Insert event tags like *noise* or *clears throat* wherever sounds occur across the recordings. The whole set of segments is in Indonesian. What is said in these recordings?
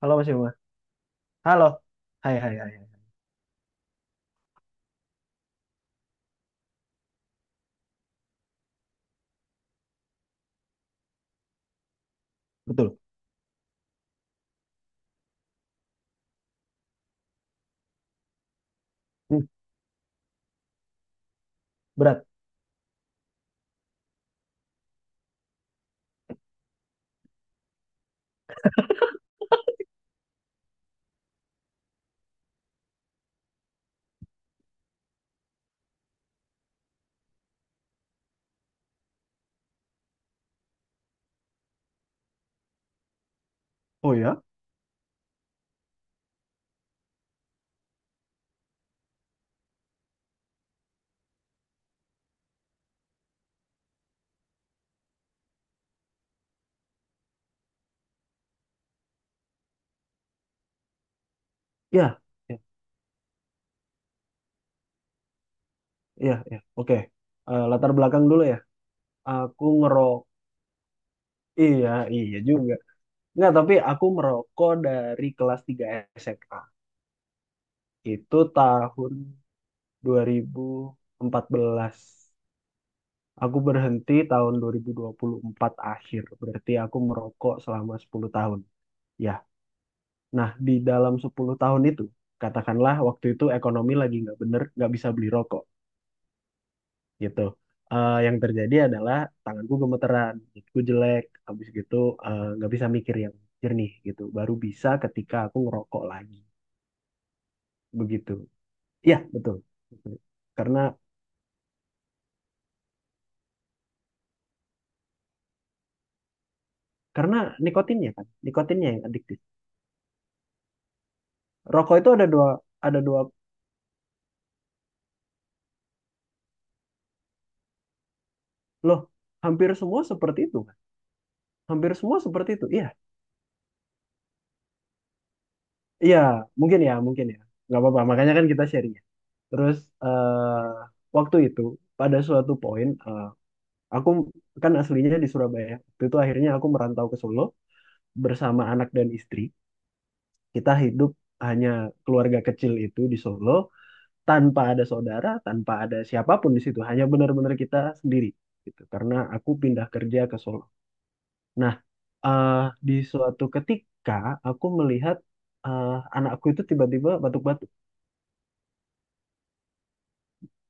Halo Mas Yoma. Halo. Hai, hai, hai. Hai. Betul. Hmm, berat. Oh ya? Ya, ya, ya, ya. Oke. Latar belakang dulu ya. Aku ngerok. Iya, iya juga. Nggak, tapi aku merokok dari kelas 3 SMA. Itu tahun 2014. Aku berhenti tahun dua dua ribu dua puluh empat akhir. Berarti aku merokok selama 10 tahun. Ya. Nah, di dalam 10 tahun itu, katakanlah waktu itu ekonomi lagi nggak bener, nggak bisa beli rokok. Gitu. Yang terjadi adalah tanganku gemeteran, gigiku jelek, habis gitu, nggak bisa mikir yang jernih gitu. Baru bisa ketika aku ngerokok lagi, begitu. Ya, betul. Betul. Karena karena nikotinnya kan, nikotinnya yang adiktif. Rokok itu ada dua, ada dua loh. Hampir semua seperti itu kan, hampir semua seperti itu. Iya, iya, mungkin ya, mungkin ya, nggak apa-apa. Makanya kan kita sharing, ya. Terus eh waktu itu pada suatu poin, aku kan aslinya di Surabaya. Waktu itu akhirnya aku merantau ke Solo bersama anak dan istri. Kita hidup hanya keluarga kecil itu di Solo tanpa ada saudara, tanpa ada siapapun di situ. Hanya benar-benar kita sendiri gitu. Karena aku pindah kerja ke Solo. Nah, eh, di suatu ketika aku melihat, eh, anakku itu tiba-tiba batuk-batuk.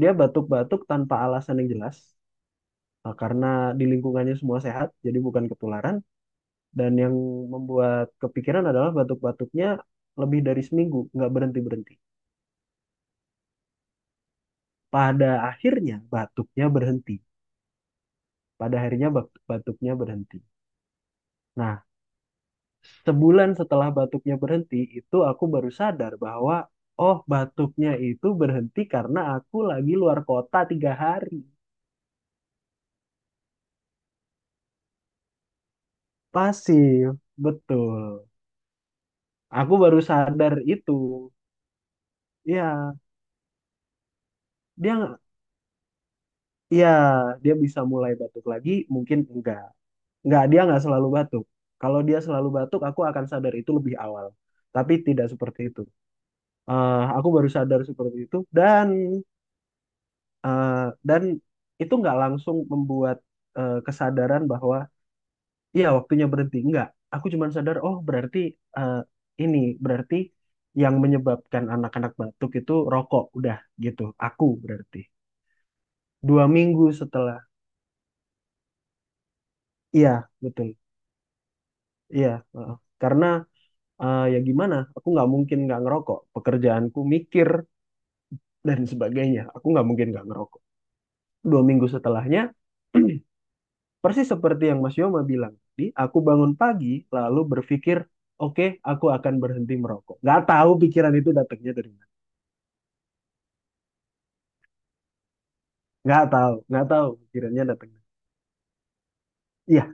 Dia batuk-batuk tanpa alasan yang jelas, karena di lingkungannya semua sehat, jadi bukan ketularan. Dan yang membuat kepikiran adalah batuk-batuknya lebih dari seminggu, nggak berhenti-berhenti. Pada akhirnya batuknya berhenti. Pada akhirnya batuknya berhenti. Nah, sebulan setelah batuknya berhenti, itu aku baru sadar bahwa, oh batuknya itu berhenti karena aku lagi luar kota 3 hari. Pasif, betul. Aku baru sadar itu. Ya, dia ya dia bisa mulai batuk lagi, mungkin enggak. Nggak, dia nggak selalu batuk. Kalau dia selalu batuk, aku akan sadar itu lebih awal. Tapi tidak seperti itu. Aku baru sadar seperti itu, dan eh, dan itu nggak langsung membuat, kesadaran bahwa iya waktunya berhenti. Nggak. Aku cuma sadar, oh berarti, eh, ini berarti yang menyebabkan anak-anak batuk itu rokok. Udah gitu. Aku berarti 2 minggu setelah. Iya, betul. Iya. Heeh. Karena ya gimana, aku nggak mungkin nggak ngerokok, pekerjaanku mikir *laughs* dan sebagainya, aku nggak mungkin nggak ngerokok 2 minggu setelahnya. *clears throat* Persis seperti yang Mas Yoma bilang tadi, aku bangun pagi lalu berpikir, oke, aku akan berhenti merokok. Nggak tahu pikiran itu datangnya dari mana. Nggak tahu pikirannya datangnya. Iya,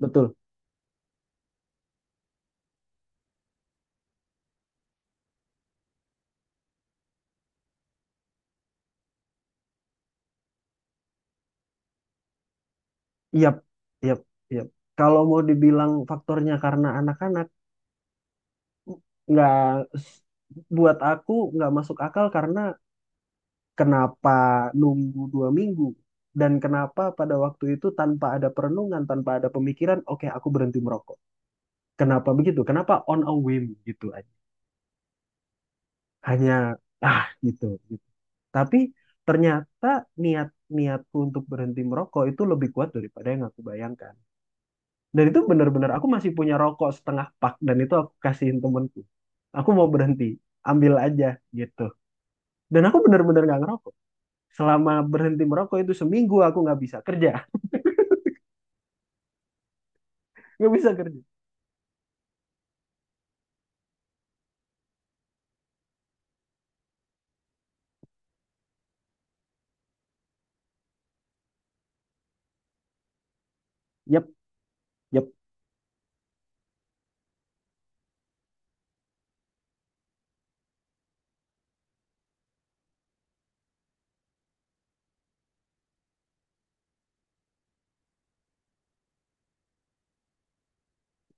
betul. Iya, iya, iya, kalau mau dibilang faktornya karena anak-anak, nggak s- buat aku nggak masuk akal. Karena kenapa nunggu 2 minggu? Dan kenapa pada waktu itu tanpa ada perenungan, tanpa ada pemikiran, oke aku berhenti merokok. Kenapa begitu? Kenapa on a whim gitu aja? Hanya ah, gitu, gitu. Tapi ternyata niat niatku untuk berhenti merokok itu lebih kuat daripada yang aku bayangkan. Dan itu benar-benar aku masih punya rokok setengah pak, dan itu aku kasihin temanku. Aku mau berhenti, ambil aja gitu. Dan aku benar-benar nggak ngerokok. Selama berhenti merokok itu seminggu aku nggak bisa kerja. Nggak bisa kerja. Yep, yep.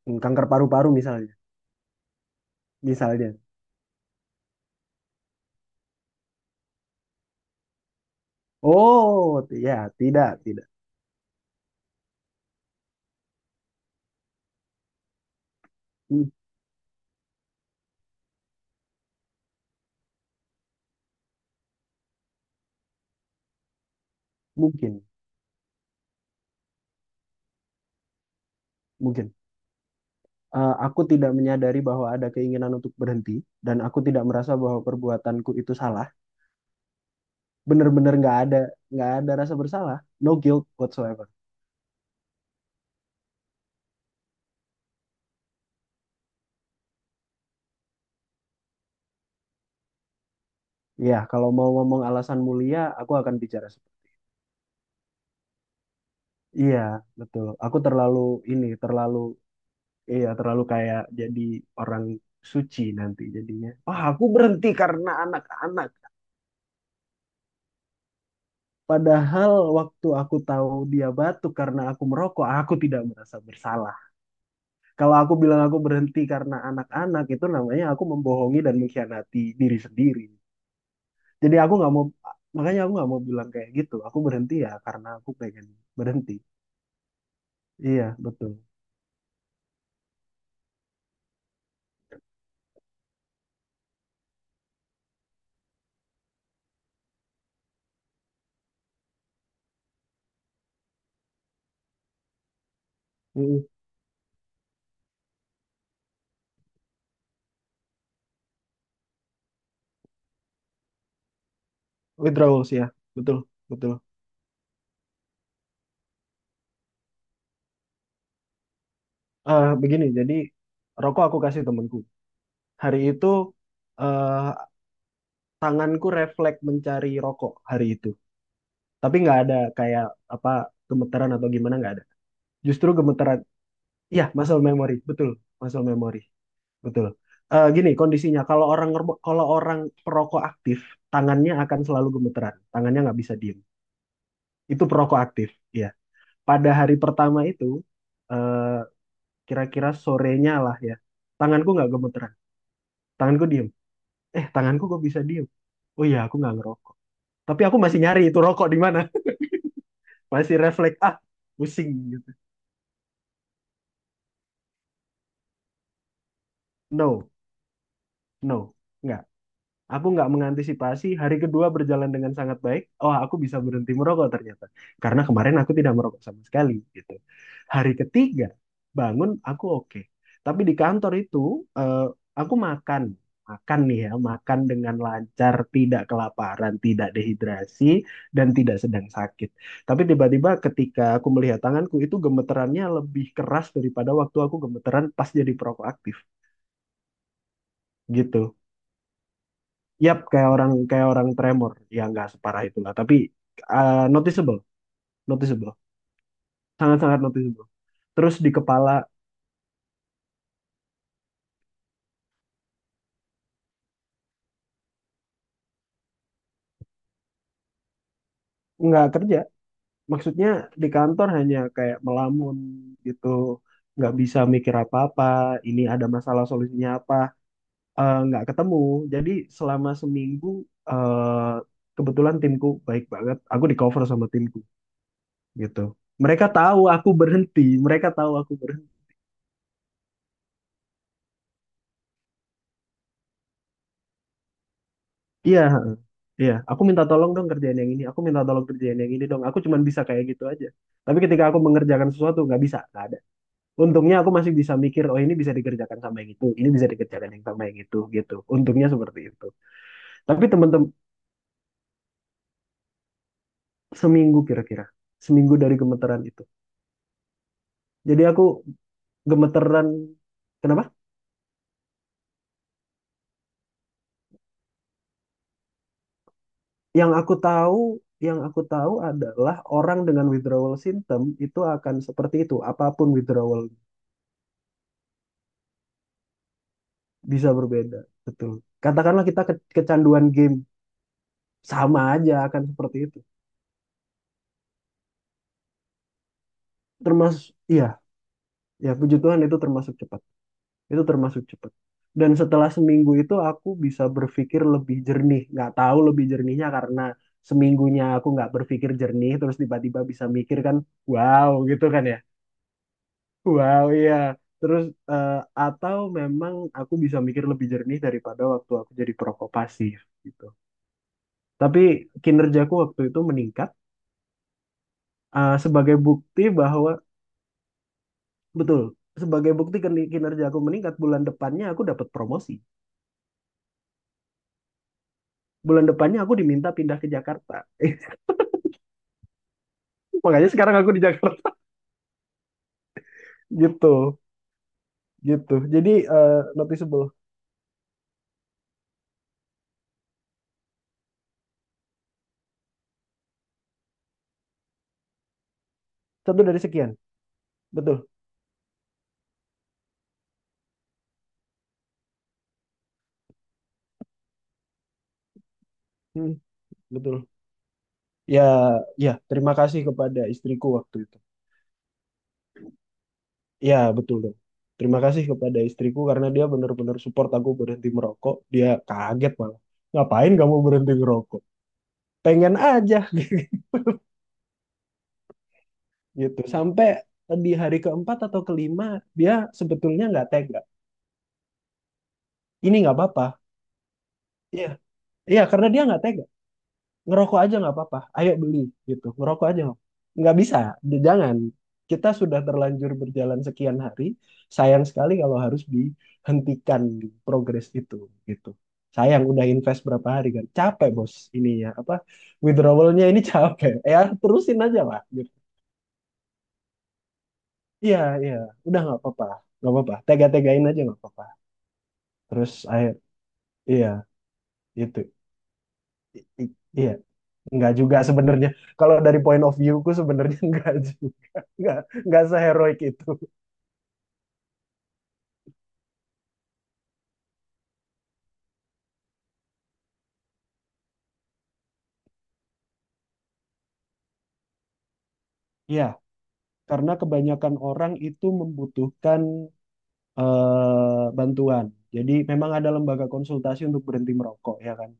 Hmm, kanker paru-paru misalnya. Misalnya. Oh, ya, tidak, tidak. M- Mungkin, mungkin. Aku tidak menyadari bahwa ada keinginan untuk berhenti, dan aku tidak merasa bahwa perbuatanku itu salah. Bener-bener nggak ada rasa bersalah. No guilt whatsoever. Iya, kalau mau ngomong alasan mulia, aku akan bicara seperti- Iya, betul. Aku terlalu ini, terlalu, iya, terlalu kayak jadi orang suci nanti jadinya. Wah, aku berhenti karena anak-anak. Padahal waktu aku tahu dia batuk karena aku merokok, aku tidak merasa bersalah. Kalau aku bilang aku berhenti karena anak-anak, itu namanya aku membohongi dan mengkhianati diri sendiri. Jadi aku nggak mau, makanya aku nggak mau bilang kayak gitu. Aku berhenti ya karena aku pengen berhenti. Iya, betul. Mm, withdrawals ya, betul, betul. Begini, jadi rokok aku kasih temanku. Hari itu eh tanganku refleks mencari rokok hari itu. Tapi nggak ada kayak apa, gemeteran atau gimana, nggak ada. Justru gemeteran, ya muscle memory, betul, muscle memory, betul. Gini kondisinya, kalau orang perokok aktif, tangannya akan selalu gemeteran, tangannya nggak bisa diem. Itu perokok aktif, ya. Pada hari pertama itu, eh kira-kira sorenya lah ya, tanganku nggak gemeteran, tanganku diem. Eh, tanganku kok bisa diem? Oh iya, aku nggak ngerokok. Tapi aku masih nyari itu rokok di mana, *laughs* masih refleks. Ah, pusing gitu. No, no, nggak. Aku nggak mengantisipasi. Hari kedua berjalan dengan sangat baik. Oh, aku bisa berhenti merokok ternyata. Karena kemarin aku tidak merokok sama sekali gitu. Hari ketiga bangun aku oke. Tapi di kantor itu, eh, aku makan, makan nih ya, makan dengan lancar, tidak kelaparan, tidak dehidrasi, dan tidak sedang sakit. Tapi tiba-tiba ketika aku melihat tanganku itu gemeterannya lebih keras daripada waktu aku gemeteran pas jadi perokok aktif gitu. Yap, kayak orang tremor, ya nggak separah itulah, tapi noticeable, noticeable, sangat-sangat noticeable. Terus di kepala nggak kerja, maksudnya di kantor hanya kayak melamun gitu, nggak bisa mikir apa-apa. Ini ada masalah solusinya apa, nggak ketemu. Jadi selama seminggu, eh, kebetulan timku baik banget, aku di cover sama timku gitu. Mereka tahu aku berhenti, mereka tahu aku berhenti. Iya, iya, aku minta tolong dong kerjaan yang ini. Aku minta tolong kerjaan yang ini dong. Aku cuman bisa kayak gitu aja. Tapi ketika aku mengerjakan sesuatu, nggak bisa, nggak ada. Untungnya aku masih bisa mikir, oh ini bisa dikerjakan sama yang itu, ini bisa dikerjakan yang sama yang itu, gitu. Untungnya seperti itu. Tapi teman-teman, seminggu kira-kira, seminggu dari gemeteran itu. Jadi aku gemeteran, kenapa? Yang aku tahu, yang aku tahu adalah orang dengan withdrawal symptom itu akan seperti itu. Apapun withdrawal bisa berbeda, betul. Katakanlah kita kecanduan game sama aja akan seperti itu. Termasuk, iya, ya puji Tuhan itu termasuk cepat, itu termasuk cepat. Dan setelah seminggu itu aku bisa berpikir lebih jernih, nggak tahu lebih jernihnya karena seminggunya aku nggak berpikir jernih terus tiba-tiba bisa mikir kan, wow gitu kan ya. Wow, iya. Terus eh, atau memang aku bisa mikir lebih jernih daripada waktu aku jadi perokok pasif gitu. Tapi kinerjaku waktu itu meningkat, sebagai bukti bahwa... Betul. Sebagai bukti kinerja aku meningkat, bulan depannya aku dapat promosi. Bulan depannya aku diminta pindah ke Jakarta. *laughs* Makanya sekarang aku di Jakarta. *laughs* Gitu. Gitu. Jadi, eh, noticeable. Satu dari sekian. Betul. Hmm, betul. Ya, ya, terima kasih kepada istriku waktu itu. Ya, betul dong. Terima kasih kepada istriku karena dia benar-benar support aku berhenti merokok. Dia kaget malah. Ngapain kamu berhenti ngerokok? Pengen aja. *laughs* Gitu sampai di hari keempat atau kelima dia sebetulnya nggak tega. Ini nggak apa-apa, iya, iya, karena dia nggak tega. Ngerokok aja nggak apa-apa, ayo beli gitu. Ngerokok aja nggak bisa, jangan. Kita sudah terlanjur berjalan sekian hari, sayang sekali kalau harus dihentikan progres itu gitu. Sayang udah invest berapa hari, kan capek bos, ininya apa, withdrawalnya ini *laughs* capek, ya terusin aja lah gitu. Iya, iya, udah nggak apa-apa, nggak apa-apa, tega-tegain aja, nggak apa-apa. Terus akhir, iya itu, iya, nggak juga sebenarnya. Kalau dari point of view ku sebenarnya *laughs* nggak juga, nggak nggak seheroik itu. Iya, karena kebanyakan orang itu membutuhkan, bantuan. Jadi memang ada lembaga konsultasi untuk berhenti merokok ya kan.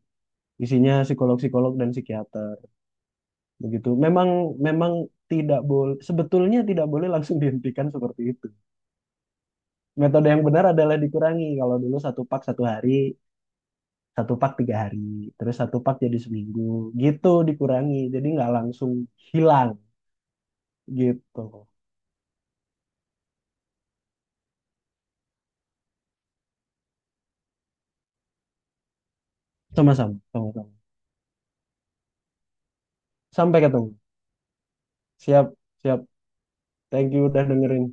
Isinya psikolog-psikolog dan psikiater begitu. Memang memang tidak boleh, sebetulnya tidak boleh langsung dihentikan seperti itu. Metode yang benar adalah dikurangi. Kalau dulu 1 pak 1 hari, 1 pak 3 hari, terus 1 pak jadi seminggu gitu dikurangi, jadi nggak langsung hilang gitu. Sama-sama, sama-sama. Sampai ketemu. Siap. Siap. Thank you udah dengerin.